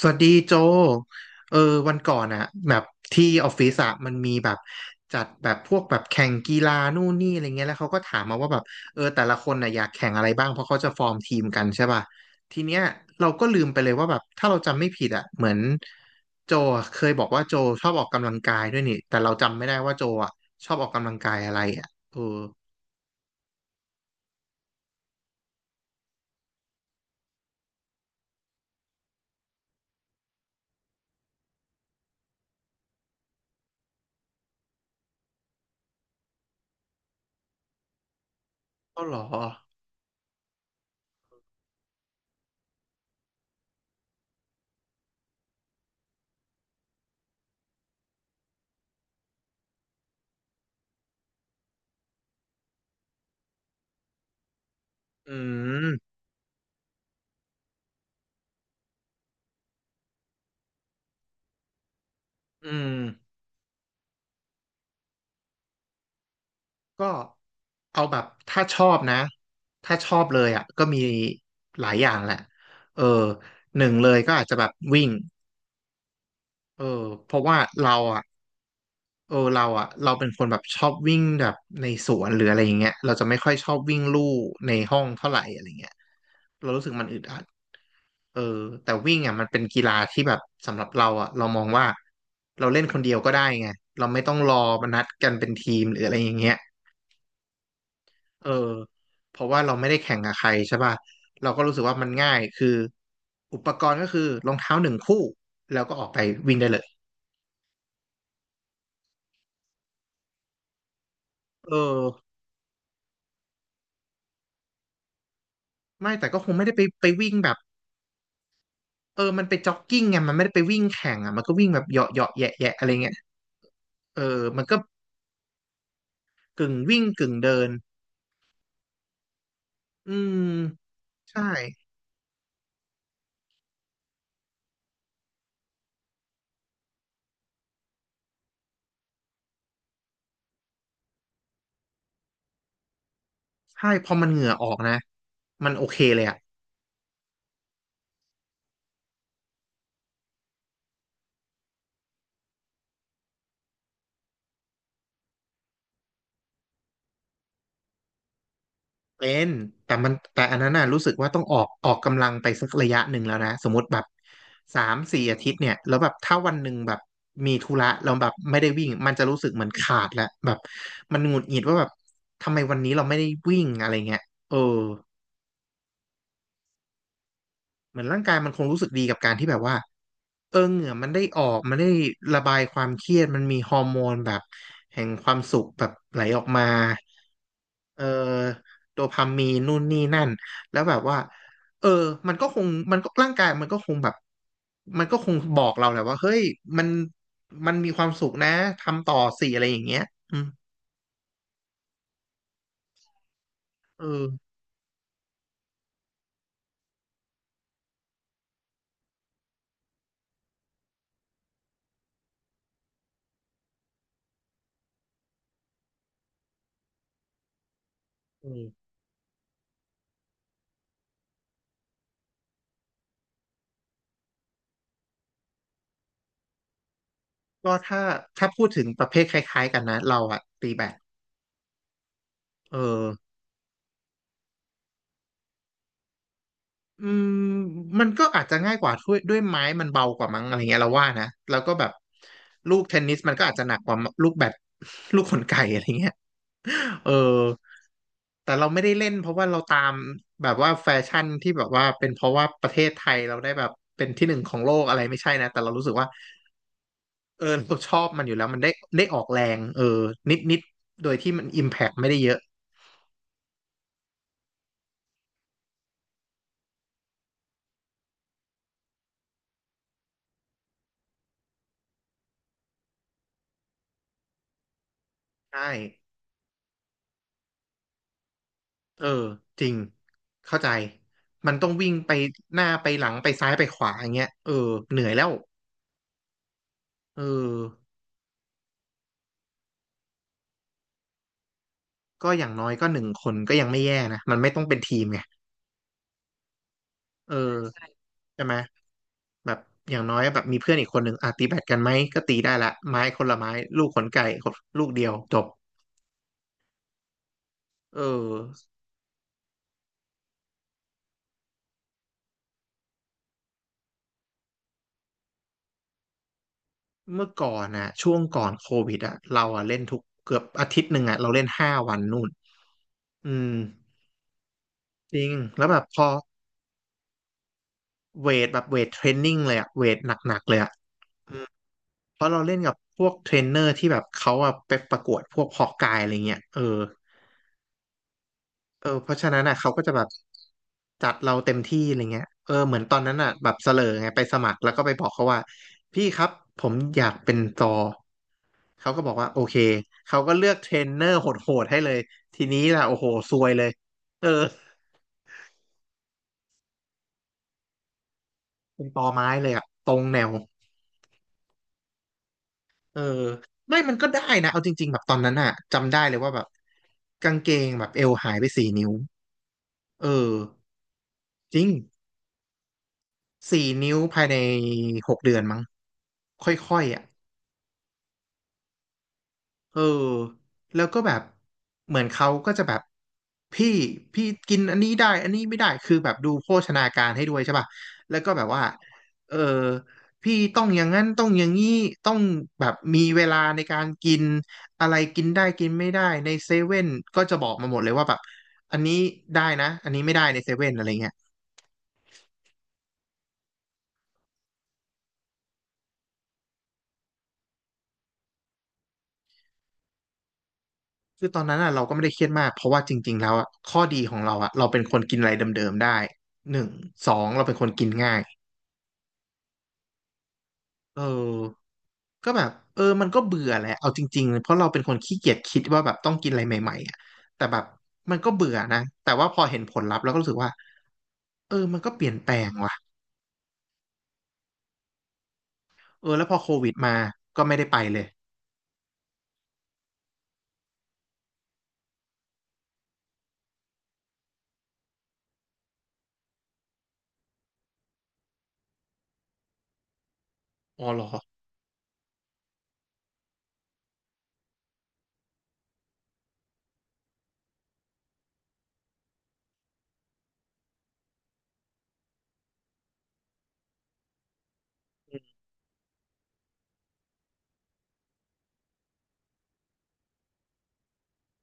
สวัสดีโจเออวันก่อนอะแบบที่ออฟฟิศอะมันมีแบบจัดแบบพวกแบบแข่งกีฬานู่นนี่อะไรเงี้ยแล้วเขาก็ถามมาว่าแบบเออแต่ละคนน่ะอยากแข่งอะไรบ้างเพราะเขาจะฟอร์มทีมกันใช่ป่ะทีเนี้ยเราก็ลืมไปเลยว่าแบบถ้าเราจำไม่ผิดอะเหมือนโจอะเคยบอกว่าโจชอบออกกำลังกายด้วยนี่แต่เราจำไม่ได้ว่าโจอะชอบออกกำลังกายอะไรอะเออก็หรออืมอืมก็ เอาแบบถ้าชอบนะถ้าชอบเลยอ่ะก็มีหลายอย่างแหละเออหนึ่งเลยก็อาจจะแบบวิ่งเออเพราะว่าเราอ่ะเออเราอ่ะเราเป็นคนแบบชอบวิ่งแบบในสวนหรืออะไรอย่างเงี้ยเราจะไม่ค่อยชอบวิ่งลู่ในห้องเท่าไหร่อะไรเงี้ยเรารู้สึกมันอึดอัดเออแต่วิ่งอ่ะมันเป็นกีฬาที่แบบสำหรับเราอ่ะเรามองว่าเราเล่นคนเดียวก็ได้ไงเราไม่ต้องรอมานัดกันเป็นทีมหรืออะไรอย่างเงี้ย เออเพราะว่าเราไม่ได้แข่งกับใครใช่ป่ะเราก็รู้สึกว่ามันง่ายคืออุปกรณ์ก็คือรองเท้าหนึ่งคู่แล้วก็ออกไปวิ่งได้เลยเออไม่แต่ก็คงไม่ได้ไปวิ่งแบบเออมันไปจ็อกกิ้งไงมันไม่ได้ไปวิ่งแข่งอ่ะมันก็วิ่งแบบเหยาะเหยาะแยะแยะอะไรเงี้ยเออมันก็กึ่งวิ่งกึ่งเดินอืมใช่ใช่พอมันเหงื่อออกนะมันโอเคเลยอ่ะ เป็นแต่อันนั้นน่ะรู้สึกว่าต้องออกกำลังไปสักระยะหนึ่งแล้วนะสมมติแบบ3-4 อาทิตย์เนี่ยแล้วแบบถ้าวันหนึ่งแบบมีธุระเราแล้วแบบไม่ได้วิ่งมันจะรู้สึกเหมือนขาดแล้วแบบมันหงุดหงิดว่าแบบทำไมวันนี้เราไม่ได้วิ่งอะไรเงี้ยเออ เหมือนร่างกายมันคงรู้สึกดีกับการที่แบบว่าเออเหงื่อมันได้ออกมันได้ระบายความเครียดมันมีฮอร์โมนแบบแห่งความสุขแบบไหลออกมาเออโดพามีนนู่นนี่นั่นแล้วแบบว่าเออมันก็คงมันก็ร่างกายมันก็คงแบบมันก็คงบอกเราแหละว่าเฮ้ยมันมันมีความสุขนะทำต่อสิอะไรอย่างเงี้ยอืมเออเออก็ถ้าพูดถึงประเภทคล้ายๆกันนะเราอะตีแบดเออ อืมมันก็อาจจะง่ายกว่าด้วยไม้มันเบากว่ามั้งอะไรเงี้ยเราว่านะแล้วก็แบบลูกเทนนิสมันก็อาจจะหนักกว่าลูกแบด ลูกขนไก่อะไรเงี้ยเออแต่เราไม่ได้เล่นเพราะว่าเราตามแบบว่าแฟชั่นที่แบบว่าเป็นเพราะว่าประเทศไทยเราได้แบบเป็นที่หนึ่งของโลกอะไรไม่ใช่นะแต่เรารู้สึกว่าเออเราชอบมันอยู่แล้วมันได้ได้ออกแรงเออนิดนิดโดยที่มันอิมแพ t ไม่ได้เยอะใช่ เออจริงเข้าใจมันต้องวิ่งไปหน้าไปหลังไปซ้ายไปขวาอย่างเงี้ยเออเหนื่อยแล้วเออก็อย่างน้อยก็หนึ่งคนก็ยังไม่แย่นะมันไม่ต้องเป็นทีมไงเออใช่ไหมแบบอย่างน้อยแบบมีเพื่อนอีกคนหนึ่งอ่ะตีแบดกันไหมก็ตีได้ละไม้คนละไม้ลูกขนไก่คนลูกเดียวจบเออเมื่อก่อนนะช่วงก่อนโควิดอะเราอะเล่นทุกเกือบอาทิตย์หนึ่งอะเราเล่น5 วันนู่นอืมจริงแล้วแบบพอ เวทแบบเวทเทรนนิ่งเลยอะเวทหนักๆเลยอะอืมเพราะเราเล่นกับพวกเทรนเนอร์ที่แบบเขาอะไปประกวดพวกฮอกกายอะไรเงี้ยเออเออเพราะฉะนั้นอะเขาก็จะแบบจัดเราเต็มที่อะไรเงี้ยเออเหมือนตอนนั้นอะแบบเสลอไงไปสมัครแล้วก็ไปบอกเขาว่าพี่ครับผมอยากเป็นซอเขาก็บอกว่าโอเคเขาก็เลือกเทรนเนอร์โหดๆให้เลยทีนี้ล่ะโอ้โหซวยเลยเออเป็นตอไม้เลยอะตรงแนว เออไม่มันก็ได้นะเอาจริงๆแบบตอนนั้นอะจำได้เลยว่าแบบกางเกงแบบเอวหายไปสี่นิ้วเออจริงสี่นิ้วภายใน6 เดือนมั้งค่อยๆอ่ะ เออแล้วก็แบบเหมือนเขาก็จะแบบพี่พี่กินอันนี้ได้อันนี้ไม่ได้คือแบบดูโภชนาการให้ด้วยใช่ป่ะแล้วก็แบบว่าเออพี่ต้องอย่างนั้นต้องอย่างนี้ต้องแบบมีเวลาในการกินอะไรกินได้กินไม่ได้ในเซเว่นก็จะบอกมาหมดเลยว่าแบบอันนี้ได้นะอันนี้ไม่ได้ในเซเว่นอะไรเงี้ยคือตอนนั้นอ่ะเราก็ไม่ได้เครียดมากเพราะว่าจริงๆแล้วอ่ะข้อดีของเราอ่ะเราเป็นคนกินอะไรเดิมๆได้หนึ่งสองเราเป็นคนกินง่าย เออก็แบบเออมันก็เบื่อแหละเอาจริงๆ เพราะเราเป็นคนขี้เกียจคิดว่าแบบต้องกินอะไรใหม่ๆอ่ะแต่แบบมันก็เบื่อนะ แต่ว่าพอเห็นผลลัพธ์แล้วก็รู้สึกว่าเออมันก็เปลี่ยนแปลงว่ะเออแล้วพอโควิดมาก็ไม่ได้ไปเลย อ๋อเหรอ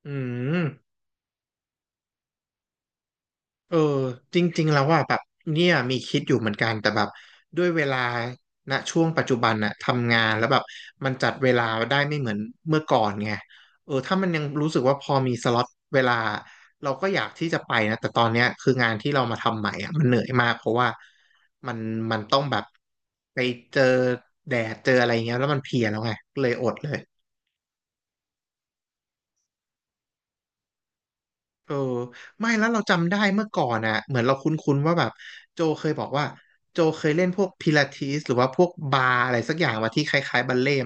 อืม เออจริงๆแล้วว่าแบบเนี่ยมีคิดอยู่เหมือนกันแต่แบบด้วยเวลาณช่วงปัจจุบันน่ะทำงานแล้วแบบมันจัดเวลาได้ไม่เหมือนเมื่อก่อนไงเออถ้ามันยังรู้สึกว่าพอมีสล็อตเวลาเราก็อยากที่จะไปนะแต่ตอนเนี้ยคืองานที่เรามาทำใหม่อ่ะมันเหนื่อยมากเพราะว่ามันมันต้องแบบไปเจอแดดเจออะไรเงี้ยแล้วมันเพลียแล้วไงเลยอดเลย เออไม่แล้วเราจำได้เมื่อก่อนอ่ะเหมือนเราคุ้นๆว่าแบบโจเคยบอกว่าโจเคยเล่นพวกพิลาทิสหรือว่าพวกบาร์อะไรสักอย่างมาที่คล้ายๆบัลเล่ม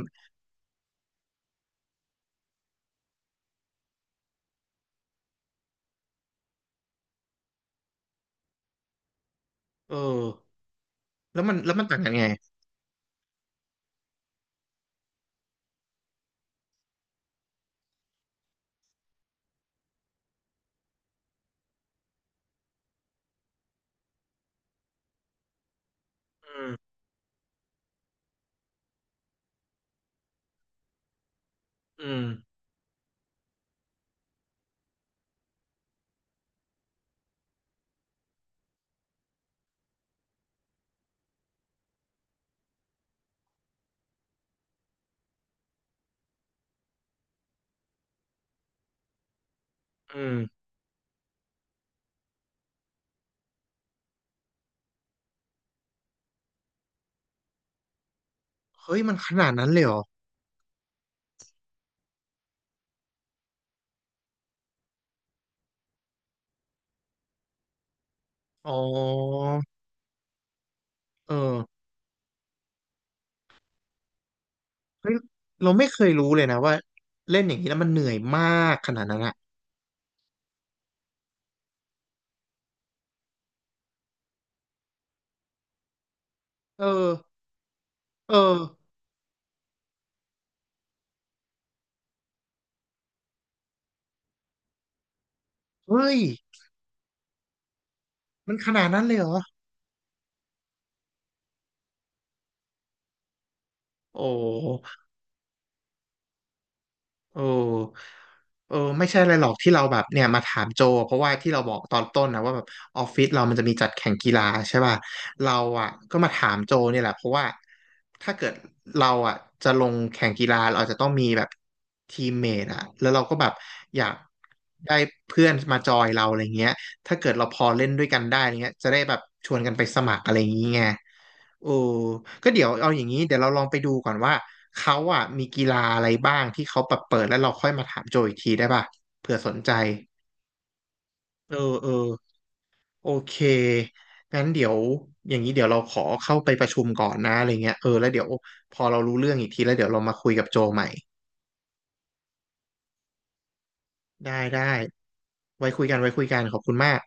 เออแล้วมันต่างกันไงอืมอืมเฮ้ยมันขนาดนั้นเลยเหรออ๋อเออเฮ้ยเราไม่เคยรู้เลยนะว่าเล่นอย่างนี้แล้วมันเหนื่อยมากขนาดนั้นอ่ะเออเออเฮ้ยมันขนาดนั้นเลยเหรอโอ้ เออเออไม่ใช่อะไรหรอกที่เราแบบเนี่ยมาถามโจเพราะว่าที่เราบอกตอนต้นนะว่าแบบออฟฟิศเรามันจะมีจัดแข่งกีฬาใช่ป่ะเราอ่ะก็มาถามโจเนี่ยแหละเพราะว่าถ้าเกิดเราอ่ะจะลงแข่งกีฬาเราอาจจะต้องมีแบบทีมเมทอ่ะแล้วเราก็แบบอยากได้เพื่อนมาจอยเราอะไรเงี้ยถ้าเกิดเราพอเล่นด้วยกันได้อะไรเงี้ยจะได้แบบชวนกันไปสมัครอะไรอย่างเงี้ย โอ้ก็เดี๋ยวเอาอย่างนี้เดี๋ยวเราลองไปดูก่อนว่าเขาอ่ะมีกีฬาอะไรบ้างที่เขาแบบเปิดแล้วเราค่อยมาถามโจอีกทีได้ป่ะเผื่อสนใจเออเออโอเคงั้นเดี๋ยวอย่างนี้เดี๋ยวเราขอเข้าไปประชุมก่อนนะอะไรเงี้ยเออแล้วเดี๋ยวพอเรารู้เรื่องอีกทีแล้วเดี๋ยวเรามาคุยกับโจใหม่ได้ได้ไว้คุยกันไว้คุยกันขอบคุณมาก